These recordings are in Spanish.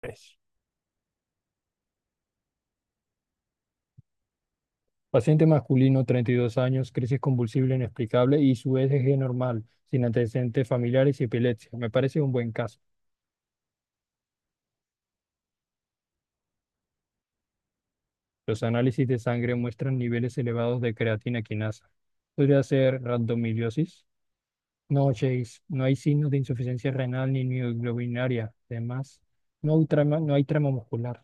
Pues, paciente masculino, 32 años, crisis convulsiva inexplicable y su ECG normal, sin antecedentes familiares y epilepsia. Me parece un buen caso. Los análisis de sangre muestran niveles elevados de creatina quinasa. ¿Podría ser rhabdomiolisis? No, Chase, no hay signos de insuficiencia renal ni mioglobinuria. Además, no hay trama muscular.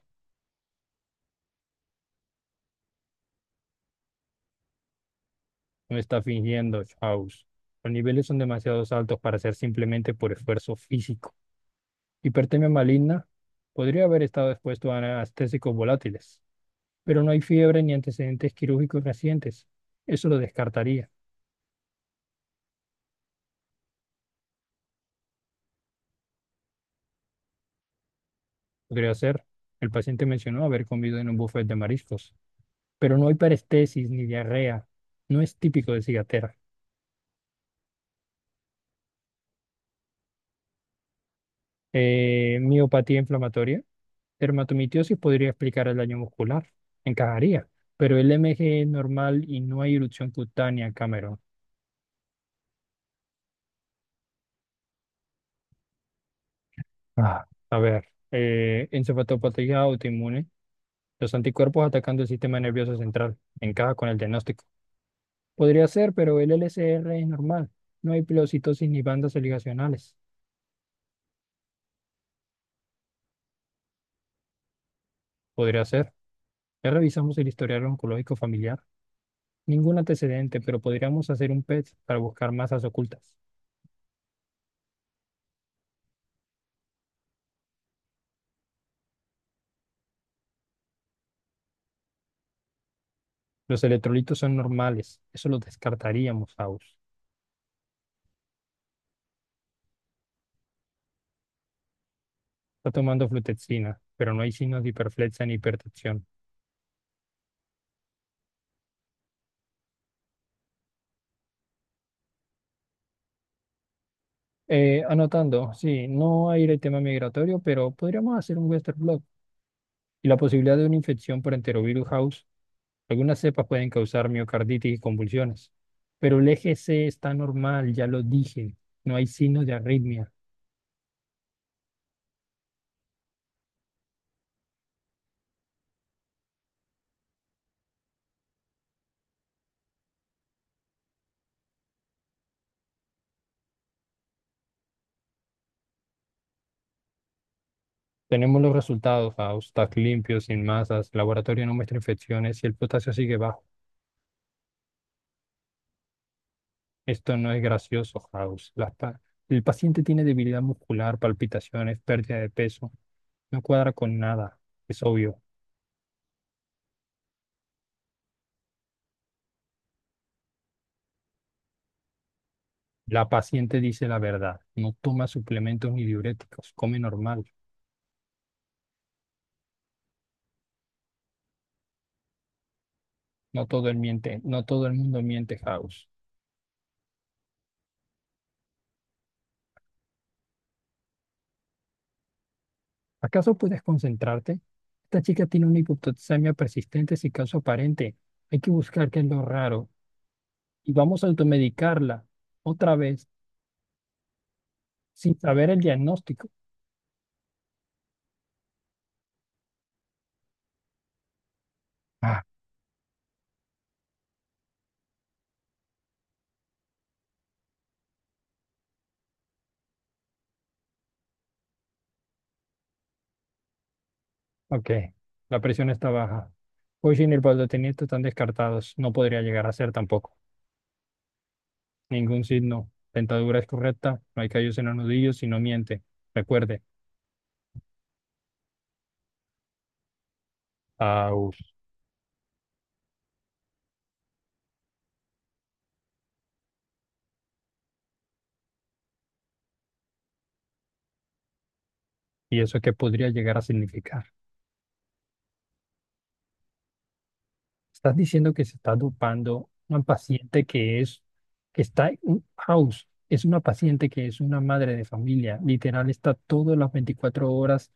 No está fingiendo, House. Los niveles son demasiado altos para ser simplemente por esfuerzo físico. Hipertermia maligna podría haber estado expuesto a anestésicos volátiles, pero no hay fiebre ni antecedentes quirúrgicos recientes. Eso lo descartaría. Podría ser. El paciente mencionó haber comido en un buffet de mariscos, pero no hay parestesis ni diarrea. No es típico de cigatera. Miopatía inflamatoria. Dermatomitiosis podría explicar el daño muscular. Encajaría, pero el MG es normal y no hay erupción cutánea, Cameron. Ah, a ver, encefalopatía autoinmune. Los anticuerpos atacando el sistema nervioso central. Encaja con el diagnóstico. Podría ser, pero el LCR es normal. No hay pleocitosis ni bandas ligacionales. Podría ser. Ya revisamos el historial oncológico familiar. Ningún antecedente, pero podríamos hacer un PET para buscar masas ocultas. Los electrolitos son normales. Eso lo descartaríamos, Faust. Está tomando flutexina, pero no hay signos de hiperflexia ni hipertensión. Anotando, sí, no hay el tema migratorio, pero podríamos hacer un Western blot y la posibilidad de una infección por enterovirus, house. Algunas cepas pueden causar miocarditis y convulsiones, pero el eje C está normal, ya lo dije, no hay signos de arritmia. Tenemos los resultados, Faust, TAC limpio, sin masas, laboratorio no muestra infecciones y el potasio sigue bajo. Esto no es gracioso, Faust. El paciente tiene debilidad muscular, palpitaciones, pérdida de peso, no cuadra con nada, es obvio. La paciente dice la verdad, no toma suplementos ni diuréticos, come normal. No todo el mundo miente, House. ¿Acaso puedes concentrarte? Esta chica tiene una hipopotasemia persistente sin caso aparente. Hay que buscar qué es lo raro y vamos a automedicarla otra vez sin saber el diagnóstico. Ah, ok. La presión está baja. Cushing y el baldotimiento están descartados. No podría llegar a ser tampoco. Ningún signo. Dentadura es correcta. No hay callos en los nudillos y no miente. Recuerde. Aus. ¿Y eso qué podría llegar a significar? Estás diciendo que se está dopando una paciente que está en un house, es una paciente que es una madre de familia, literal está todas las 24 horas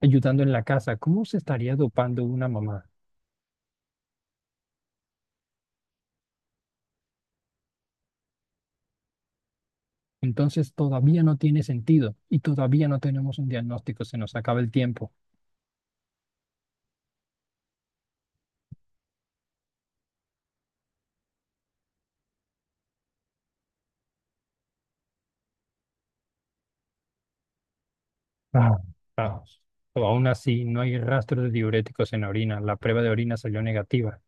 ayudando en la casa. ¿Cómo se estaría dopando una mamá? Entonces todavía no tiene sentido y todavía no tenemos un diagnóstico, se nos acaba el tiempo. Ah, vamos. O aún así, no hay rastros de diuréticos en la orina, la prueba de orina salió negativa.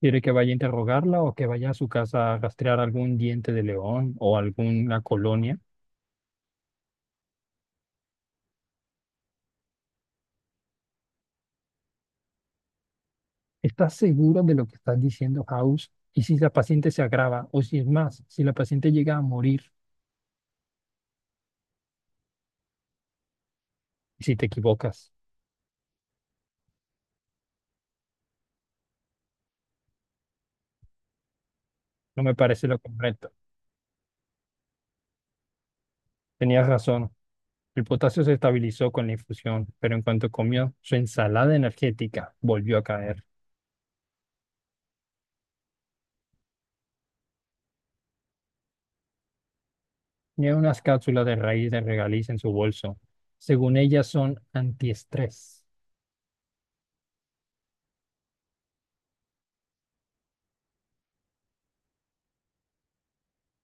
¿Quiere que vaya a interrogarla o que vaya a su casa a rastrear algún diente de león o alguna colonia? ¿Estás seguro de lo que estás diciendo, House? ¿Y si la paciente se agrava? O si es más, si la paciente llega a morir, y si te equivocas, no me parece lo correcto. Tenías razón. El potasio se estabilizó con la infusión, pero en cuanto comió su ensalada energética, volvió a caer. Tenía unas cápsulas de raíz de regaliz en su bolso. Según ella, son antiestrés.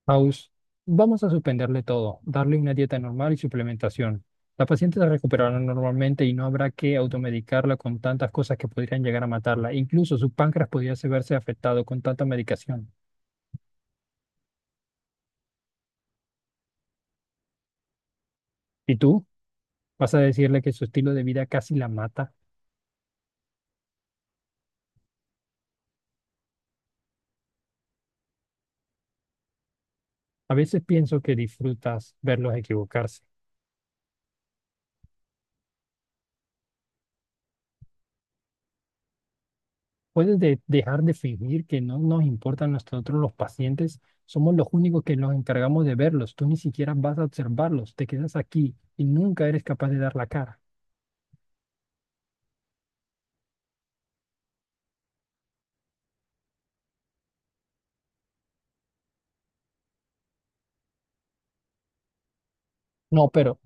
House, vamos a suspenderle todo, darle una dieta normal y suplementación. La paciente se recuperará normalmente y no habrá que automedicarla con tantas cosas que podrían llegar a matarla. Incluso su páncreas podría se verse afectado con tanta medicación. ¿Y tú? ¿Vas a decirle que su estilo de vida casi la mata? A veces pienso que disfrutas verlos equivocarse. ¿Puedes dejar de fingir que no nos importan nosotros los pacientes? Somos los únicos que nos encargamos de verlos. Tú ni siquiera vas a observarlos. Te quedas aquí y nunca eres capaz de dar la cara. No, pero,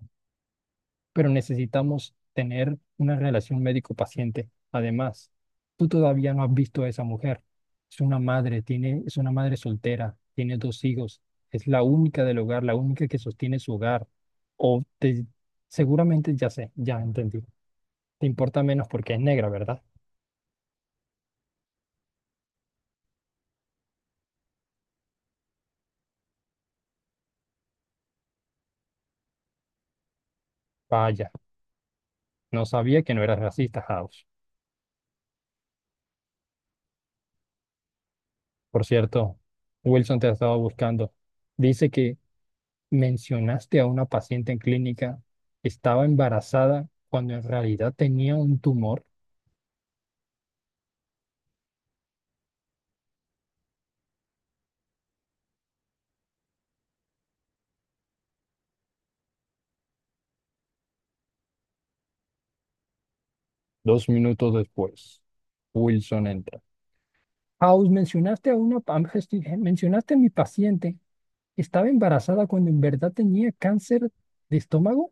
pero necesitamos tener una relación médico-paciente. Además, tú todavía no has visto a esa mujer. Es una madre soltera, tiene dos hijos, es la única del hogar, la única que sostiene su hogar. O te, Seguramente ya sé, ya entendí. Te importa menos porque es negra, ¿verdad? Vaya, no sabía que no eras racista, House. Por cierto, Wilson te ha estado buscando. Dice que mencionaste a una paciente en clínica, estaba embarazada cuando en realidad tenía un tumor. 2 minutos después, Wilson entra. House, mencionaste a mi paciente, estaba embarazada cuando en verdad tenía cáncer de estómago.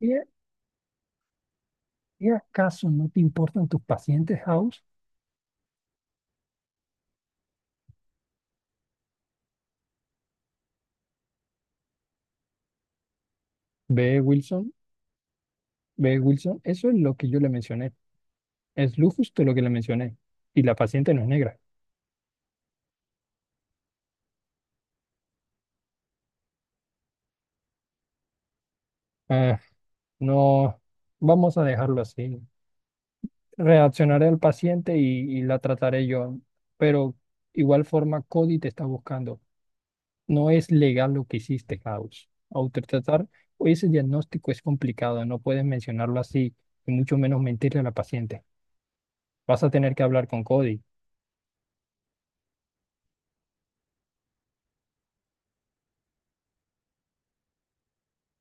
¿Y, y acaso no te importan tus pacientes, House? Ve, Wilson, ve, Wilson, eso es lo que yo le mencioné. Es lo justo lo que le mencioné. Y la paciente no es negra. Ah, no, vamos a dejarlo así. Reaccionaré al paciente y la trataré yo. Pero igual forma, Cody te está buscando. No es legal lo que hiciste, House. Autotratar, o ese diagnóstico es complicado, no puedes mencionarlo así, y mucho menos mentirle a la paciente. Vas a tener que hablar con Cody.